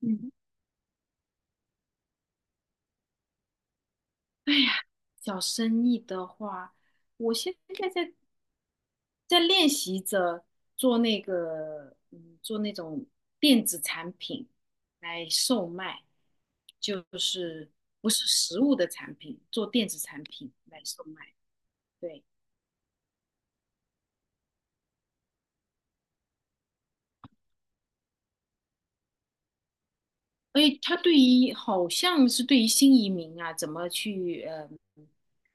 嗯。哎呀，小生意的话，我现在在练习着做那个，做那种电子产品来售卖，就是不是实物的产品，做电子产品来售卖。对。哎，他对于好像是对于新移民啊，怎么去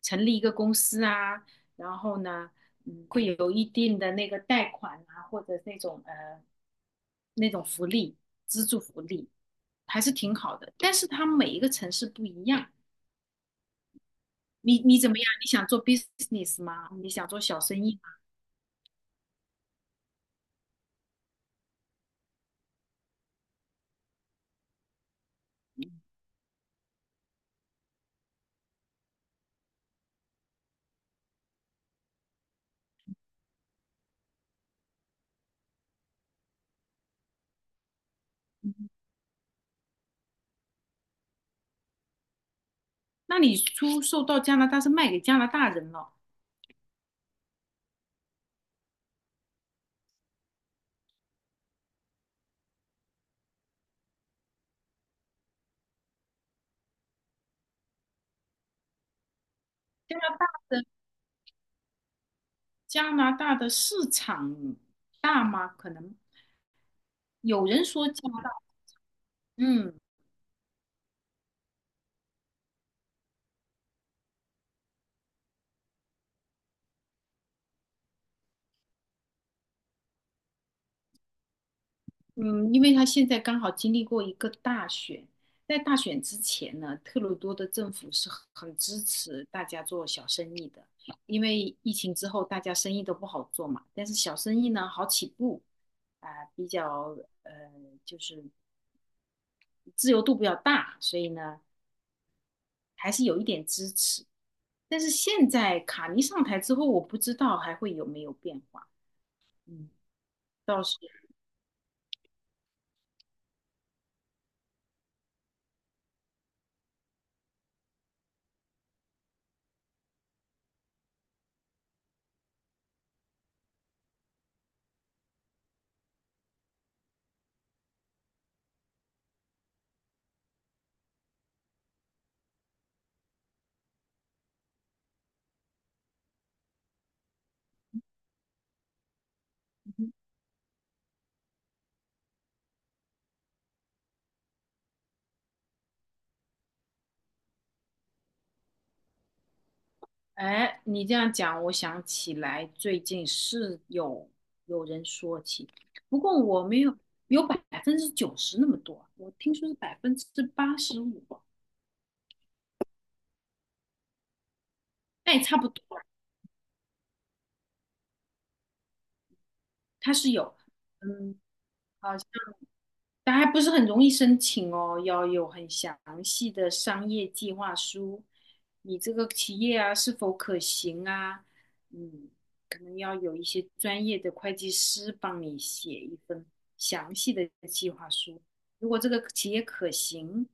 成立一个公司啊，然后呢，会有一定的那个贷款啊，或者那种那种福利，资助福利，还是挺好的。但是它每一个城市不一样。你怎么样？你想做 business 吗？你想做小生意吗？那你出售到加拿大是卖给加拿大人了。加拿大的加拿大的市场大吗？可能有人说加拿大。嗯。嗯，因为他现在刚好经历过一个大选，在大选之前呢，特鲁多的政府是很支持大家做小生意的，因为疫情之后大家生意都不好做嘛，但是小生意呢好起步，啊、比较呃就是自由度比较大，所以呢还是有一点支持。但是现在卡尼上台之后，我不知道还会有没有变化。嗯。哎，你这样讲，我想起来最近是有人说起，不过我没有有90%那么多，我听说是85%，那也差不多。它是有，嗯，好。但还不是很容易申请哦，要有很详细的商业计划书，你这个企业啊是否可行啊？嗯，可能要有一些专业的会计师帮你写一份详细的计划书。如果这个企业可行，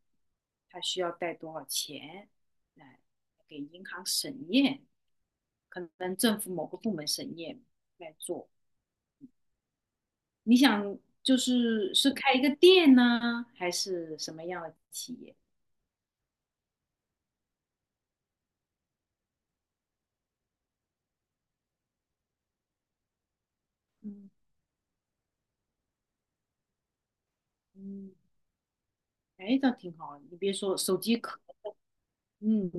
它需要贷多少钱？来给银行审验，可能政府某个部门审验来做。你想就是是开一个店呢，还是什么样的企业？嗯嗯。哎，倒挺好。你别说，手机壳，嗯，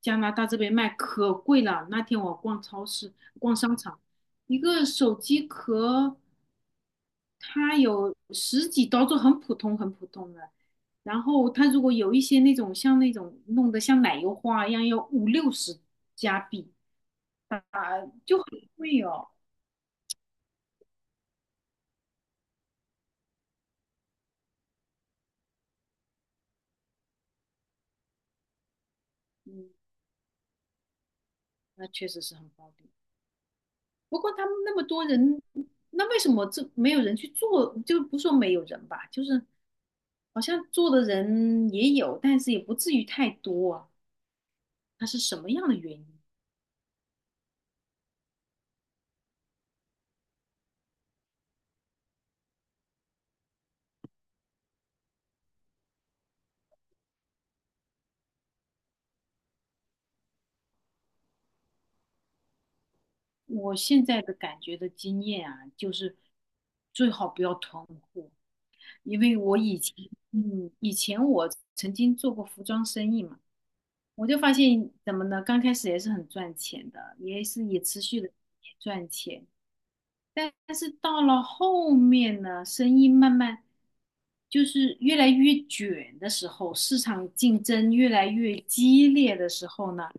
加拿大这边卖可贵了。那天我逛超市、逛商场，一个手机壳它有十几刀，就很普通、很普通的。然后它如果有一些那种像那种弄得像奶油花一样，要五六十加币，就很贵哦。嗯，那确实是很高的。不过他们那么多人，那为什么这没有人去做？就不说没有人吧，就是好像做的人也有，但是也不至于太多啊。它是什么样的原因？我现在的感觉的经验啊，就是最好不要囤货。因为我以前，嗯，以前我曾经做过服装生意嘛，我就发现怎么呢？刚开始也是很赚钱的，也是也持续的赚钱。但是到了后面呢，生意慢慢就是越来越卷的时候，市场竞争越来越激烈的时候呢，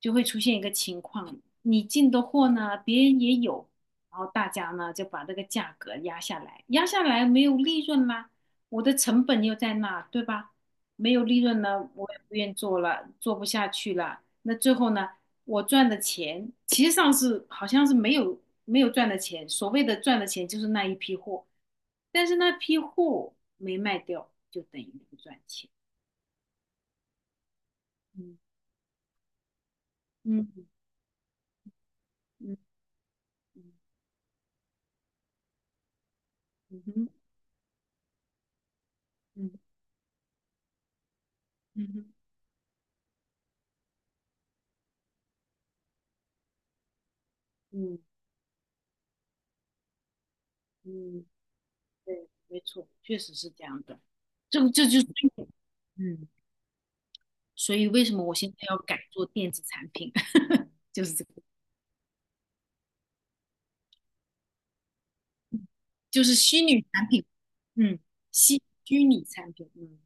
就会出现一个情况，你进的货呢，别人也有，然后大家呢就把这个价格压下来，压下来没有利润啦，我的成本又在那，对吧？没有利润呢，我也不愿做了，做不下去了。那最后呢，我赚的钱其实上是好像是没有赚的钱，所谓的赚的钱就是那一批货，但是那批货没卖掉，就等于不赚钱。嗯嗯，嗯，嗯嗯嗯哼，嗯，嗯哼。嗯嗯，对，没错，确实是这样的。这个这就是，嗯，所以为什么我现在要改做电子产品，就是这个，嗯就是虚拟产品，嗯，虚拟产品，嗯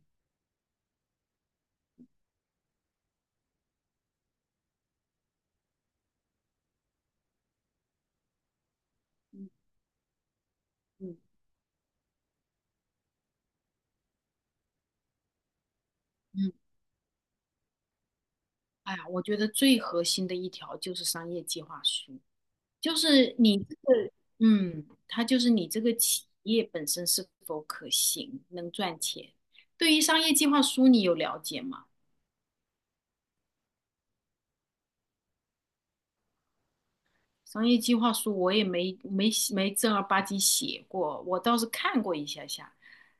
嗯，嗯嗯。哎呀，我觉得最核心的一条就是商业计划书，就是你这个，嗯，它就是你这个企业本身是否可行，能赚钱。对于商业计划书，你有了解吗？商业计划书我也没正儿八经写过，我倒是看过一下下。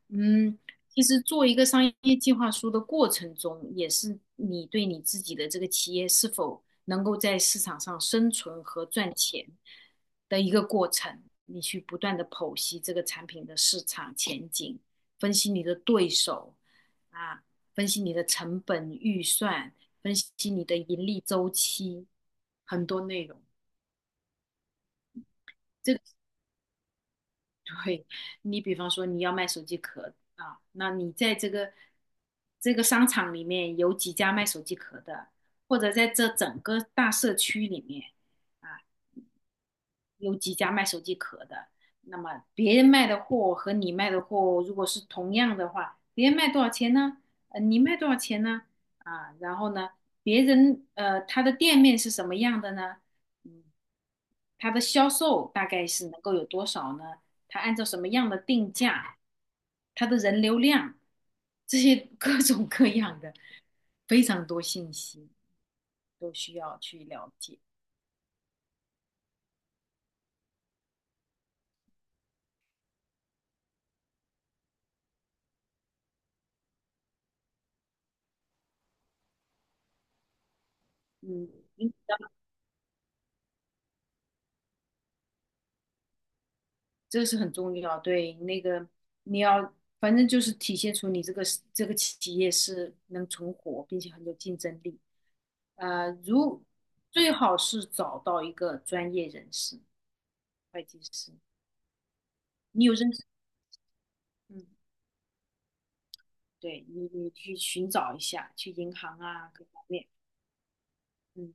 嗯，其实做一个商业计划书的过程中，也是你对你自己的这个企业是否能够在市场上生存和赚钱的一个过程。你去不断的剖析这个产品的市场前景，分析你的对手啊，分析你的成本预算，分析你的盈利周期，很多内容。这对，你比方说你要卖手机壳啊，那你在这个商场里面有几家卖手机壳的，或者在这整个大社区里面。啊。有几家卖手机壳的，那么别人卖的货和你卖的货如果是同样的话，别人卖多少钱呢？你卖多少钱呢？啊，然后呢，别人他的店面是什么样的呢？嗯，他的销售大概是能够有多少呢？他按照什么样的定价？他的人流量，这些 各种各样的非常多信息都需要去了解。嗯，这个是很重要。对，那个你要，反正就是体现出你这个企业是能存活，并且很有竞争力。呃，如最好是找到一个专业人士，会计师，你有认识，嗯，对你去寻找一下，去银行啊各方面，嗯，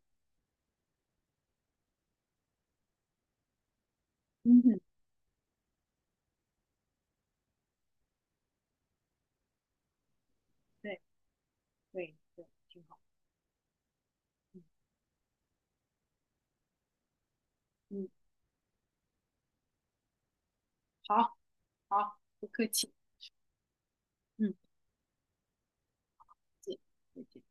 嗯哼，对对对，挺好，嗯嗯，好好，不客气，嗯，再见。再见